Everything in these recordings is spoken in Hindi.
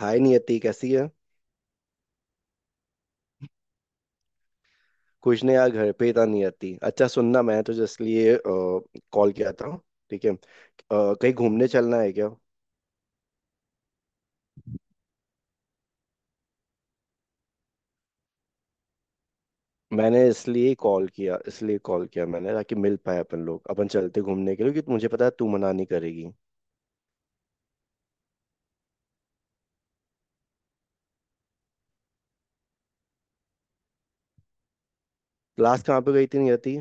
हाय नियति कैसी है। कुछ नहीं यार, घर पे ही था। नियति अच्छा सुनना, मैं तो इसलिए कॉल किया था। ठीक है। कहीं घूमने चलना है क्या? मैंने इसलिए कॉल किया मैंने ताकि मिल पाए अपन लोग, अपन चलते घूमने के लिए क्योंकि मुझे पता है तू मना नहीं करेगी। लास्ट कहाँ पे गई थी नियति?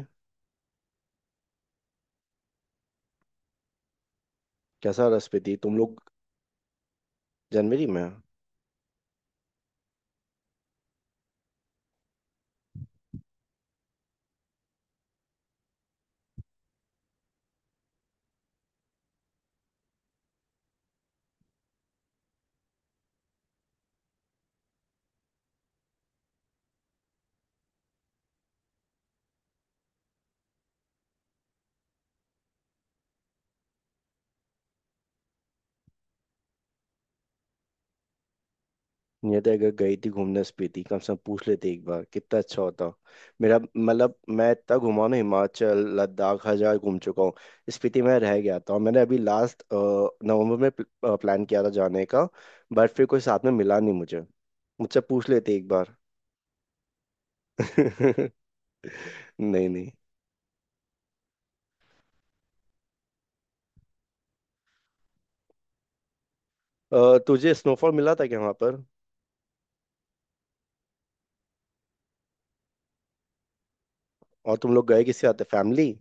कैसा रस पे थी तुम लोग? जनवरी में? नहीं तो, अगर गई थी घूमने स्पीति, कम से कम पूछ लेते एक बार, कितना अच्छा होता। मेरा मतलब मैं इतना घुमा ना, हिमाचल लद्दाख हर जगह घूम चुका हूँ। स्पीति में रह गया था और मैंने अभी लास्ट नवंबर में प्लान किया था जाने का, बट फिर कोई साथ में मिला नहीं मुझे। मुझसे पूछ लेते एक बार। नहीं नहीं। तुझे स्नोफॉल मिला था क्या वहां पर? और तुम लोग गए किसके साथ, फैमिली?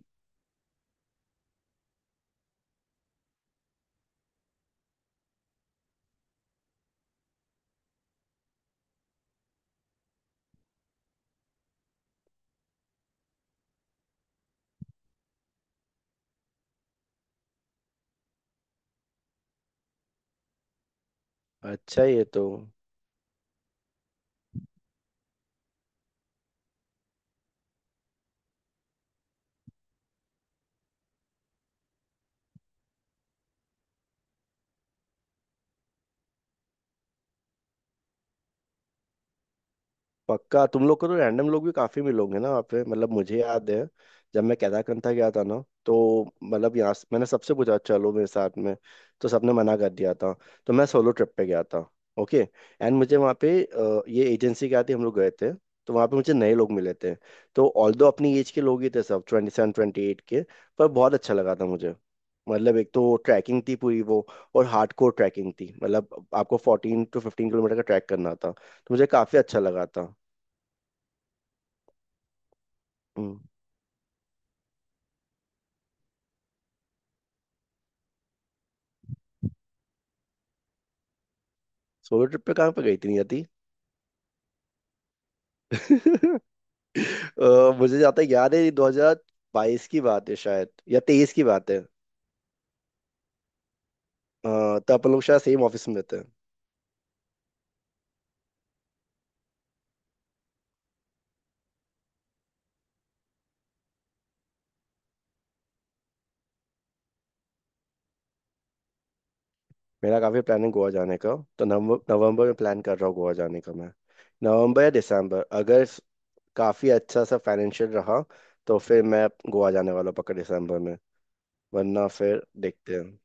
अच्छा ये तो पक्का, तुम लोग को तो रैंडम लोग भी काफी मिलोगे ना वहाँ पे। मतलब मुझे याद है जब मैं केदारकंठा गया था ना, तो मतलब मैंने सबसे पूछा चलो मेरे साथ में, तो सबने मना कर दिया था। तो मैं सोलो ट्रिप पे गया था। ओके। एंड मुझे वहाँ पे ये एजेंसी क्या थी हम लोग गए थे, तो वहाँ पे मुझे नए लोग मिले थे। तो ऑल्दो अपनी एज के लोग ही थे सब, 27 28 के। पर बहुत अच्छा लगा था मुझे। मतलब एक तो ट्रैकिंग थी पूरी वो, और हार्डकोर ट्रैकिंग थी। मतलब आपको 14 टू 15 किलोमीटर का ट्रैक करना था, तो मुझे काफी अच्छा लगा था। हम्म। सोलो ट्रिप पे कहाँ पे गई थी? नहीं जाती। मुझे जाता याद है, 2022 की बात है शायद, या 23 की बात है। तो अपन लोग शायद सेम ऑफिस में थे। मेरा काफी प्लान है गोवा जाने का, तो नवंबर नवंबर में प्लान कर रहा हूँ गोवा जाने का मैं। नवंबर या दिसंबर, अगर स- काफी अच्छा सा फाइनेंशियल रहा तो फिर मैं गोवा जाने वाला हूँ पक्का दिसंबर में। वरना फिर देखते हैं।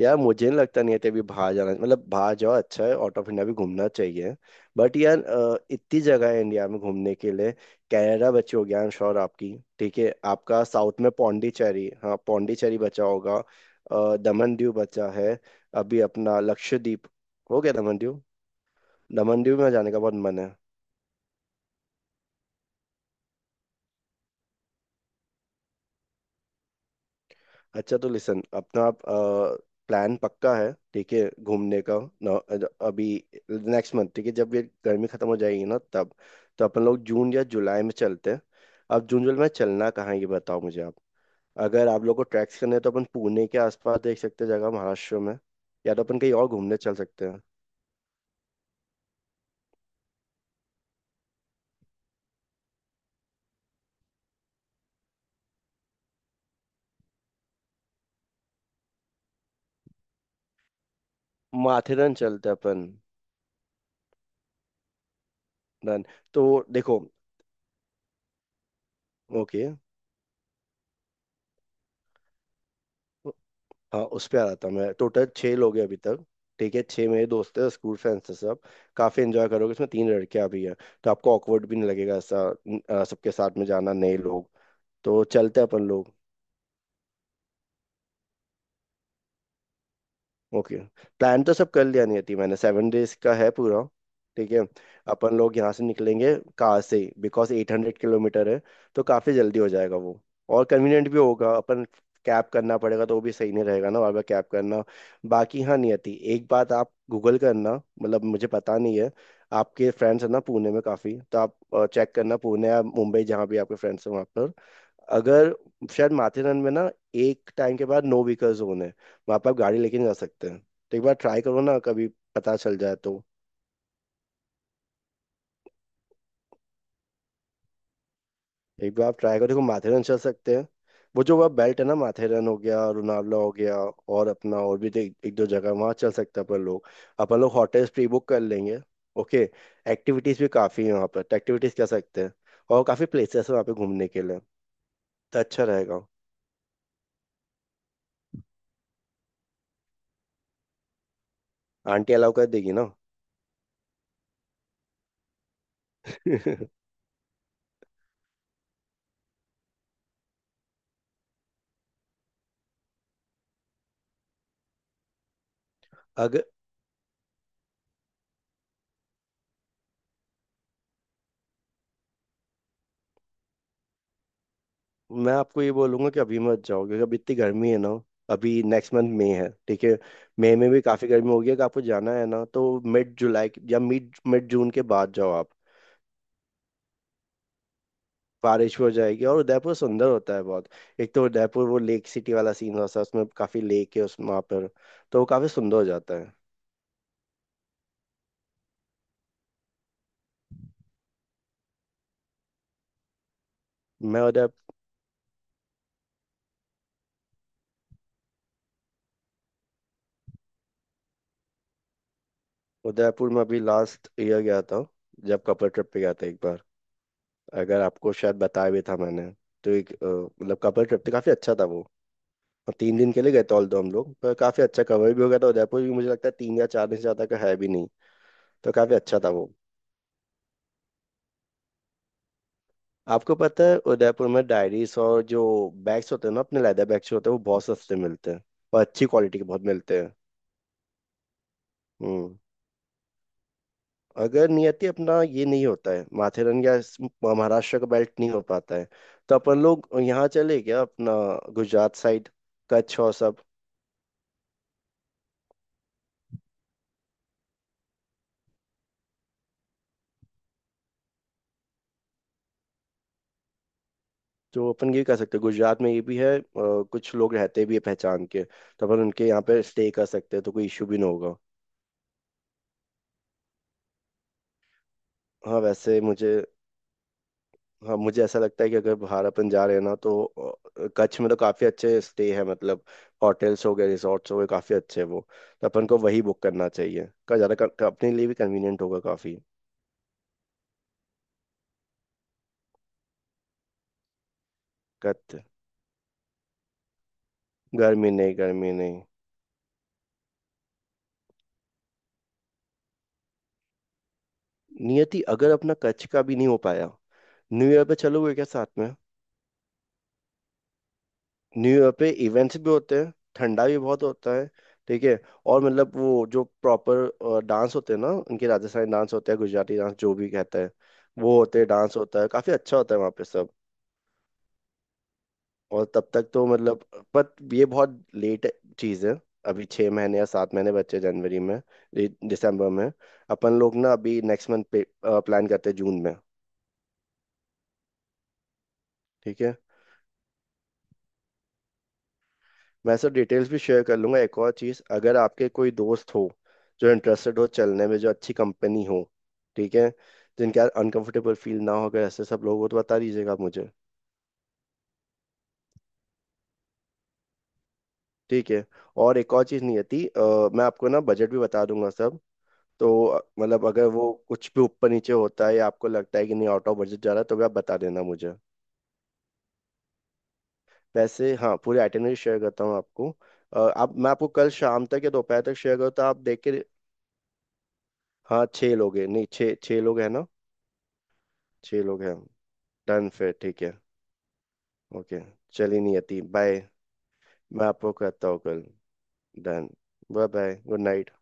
यार मुझे नहीं लगता, नहीं अभी बाहर जाना। मतलब बाहर जाओ अच्छा है, आउट ऑफ इंडिया भी घूमना चाहिए, बट यार इतनी जगह है इंडिया में घूमने के लिए। कनाडा बची होगी, आई एम श्योर, आपकी। ठीक है आपका साउथ में, पौंडीचेरी, हाँ पौंडीचेरी बचा होगा। दमन दीव बचा है। अभी अपना लक्षद्वीप हो गया, दमन दीव। दमन दीव में जाने का बहुत मन है। अच्छा तो लिसन, अपना आप प्लान पक्का है, ठीक है, घूमने का ना? अभी नेक्स्ट मंथ, ठीक है जब ये गर्मी खत्म हो जाएगी ना, तब तो अपन लोग जून या जुलाई में चलते हैं। अब जून जुलाई में चलना कहाँ है ये बताओ मुझे आप। अगर आप लोग को ट्रैक्स करने हैं तो अपन पुणे के आसपास देख सकते हैं, जगह महाराष्ट्र में। या तो अपन कहीं और घूमने चल सकते हैं। माथेरन चलते हैं अपन। डन। तो देखो, ओके। हाँ उस पे आ रहा था मैं, टोटल छः लोग हैं अभी तक। ठीक है, छः मेरे दोस्त हैं, स्कूल फ्रेंड्स हैं सब। काफ़ी एंजॉय करोगे, इसमें तीन लड़कियां भी हैं, तो आपको ऑकवर्ड भी नहीं लगेगा ऐसा। सबके साथ में जाना, नए लोग, तो चलते हैं अपन लोग। ओके। प्लान तो सब कर लिया, नहीं थी मैंने 7 डेज का है पूरा। ठीक है। अपन लोग यहाँ से निकलेंगे कार से, बिकॉज 800 किलोमीटर है, तो काफ़ी जल्दी हो जाएगा वो, और कन्वीनियंट भी होगा अपन। कैब करना पड़ेगा तो वो भी सही नहीं रहेगा ना, बार बार कैब करना। बाकी हाँ नियति, एक बात आप गूगल करना, मतलब मुझे पता नहीं है। आपके फ्रेंड्स हैं ना पुणे में काफ़ी, तो आप चेक करना पुणे या मुंबई जहाँ भी आपके फ्रेंड्स हैं वहाँ पर। अगर, शायद माथेरन में ना एक टाइम के बाद नो व्हीकल जोन है, वहाँ पर आप गाड़ी लेके नहीं जा सकते हैं, तो एक बार ट्राई करो ना कभी, पता चल जाए तो। एक बार आप ट्राई करो, देखो माथेरन चल सकते हैं। वो जो वह बेल्ट है ना, माथेरन हो गया, लोनावला हो गया, और अपना और भी एक, एक दो जगह वहाँ चल सकते हैं अपन लोग। अपन लोग होटल्स प्री बुक कर लेंगे। ओके। एक्टिविटीज़ भी काफ़ी है वहाँ पर, तो एक्टिविटीज़ कर सकते हैं। और काफ़ी प्लेसेस है वहाँ पे घूमने के लिए, तो अच्छा रहेगा। आंटी अलाउ कर देगी ना? अगर मैं आपको ये बोलूंगा कि अभी मत जाओ, क्योंकि अभी इतनी गर्मी है ना। अभी नेक्स्ट मंथ मई है, ठीक है, मई में भी काफी गर्मी होगी। अगर आपको जाना है ना, तो मिड जुलाई के- या मिड मिड जून के बाद जाओ आप। बारिश हो जाएगी और उदयपुर सुंदर होता है बहुत। एक तो उदयपुर वो लेक सिटी वाला सीन होता है, उसमें काफी लेक है उस वहाँ पर, तो वो काफी सुंदर हो जाता है। मैं उदय उदयपुर में अभी लास्ट ईयर गया था, जब कपल ट्रिप पे गया था एक बार। अगर आपको शायद बताया भी था मैंने, तो एक मतलब कपल ट्रिप था, काफी अच्छा था वो। और 3 दिन के लिए गए थे ऑल दो हम लोग, पर काफी अच्छा कवर भी हो गया था। उदयपुर भी मुझे लगता है 3 या 4 दिन से ज्यादा का है भी नहीं, तो काफी अच्छा था वो। आपको पता है उदयपुर में डायरीज और जो बैग्स होते हैं ना, अपने लेदर बैग्स होते हैं, वो बहुत सस्ते मिलते हैं, और अच्छी क्वालिटी के बहुत मिलते हैं। हम्म। अगर नियति अपना ये नहीं होता है माथेरन या महाराष्ट्र का बेल्ट नहीं हो पाता है, तो अपन लोग यहाँ चले क्या, अपना गुजरात साइड, कच्छ और सब। तो अपन ये कह सकते हैं, गुजरात में ये भी है कुछ लोग रहते भी है पहचान के, तो अपन उनके यहाँ पे स्टे कर सकते हैं, तो कोई इशू भी ना होगा। हाँ वैसे मुझे, हाँ मुझे ऐसा लगता है कि अगर बाहर अपन जा रहे हैं ना, तो कच्छ में तो काफ़ी अच्छे स्टे है, मतलब होटल्स हो गए, रिसोर्ट्स हो गए, काफ़ी अच्छे हैं वो। तो अपन को वही बुक करना चाहिए का ज़्यादा अपने लिए भी कन्वीनियंट होगा काफ़ी। कत गर्मी नहीं, गर्मी नहीं। नियति अगर अपना कच्छ का भी नहीं हो पाया, न्यू ईयर पे चलोगे क्या साथ में? न्यू ईयर पे इवेंट्स भी होते हैं, ठंडा भी बहुत होता है, ठीक है। और मतलब वो जो प्रॉपर डांस होते हैं ना, उनके राजस्थानी डांस होते हैं, गुजराती डांस, जो भी कहते हैं, वो होते हैं, डांस होता है, काफी अच्छा होता है वहाँ पे सब। और तब तक तो मतलब, पर ये बहुत लेट चीज है, अभी 6 महीने या 7 महीने बच्चे जनवरी में, दिसंबर में। अपन लोग ना अभी नेक्स्ट मंथ प्लान करते हैं जून में। ठीक है। मैं सर डिटेल्स भी शेयर कर लूंगा, एक और चीज़, अगर आपके कोई दोस्त हो जो इंटरेस्टेड हो चलने में, जो अच्छी कंपनी हो, ठीक है, जिनके यार अनकंफर्टेबल फील ना हो, अगर ऐसे सब लोग हो तो बता दीजिएगा आप मुझे। ठीक है। और एक और चीज़ नहीं आती, मैं आपको ना बजट भी बता दूंगा सब, तो मतलब अगर वो कुछ भी ऊपर नीचे होता है या आपको लगता है कि नहीं आउट ऑफ बजट जा रहा है, तो भी आप बता देना मुझे। वैसे हाँ, पूरी आइटनरी शेयर करता हूँ आपको। आप, मैं आपको कल शाम तक या दोपहर तक शेयर करूँ तो आप देख के। हाँ छः लोग हैं, नहीं छः छः लोग हैं ना। छह लोग हैं। डन फिर, ठीक है। ओके, चलिए, नहीं आती, बाय। मैं आपको करता हूँ कल। Done. Bye bye, good night.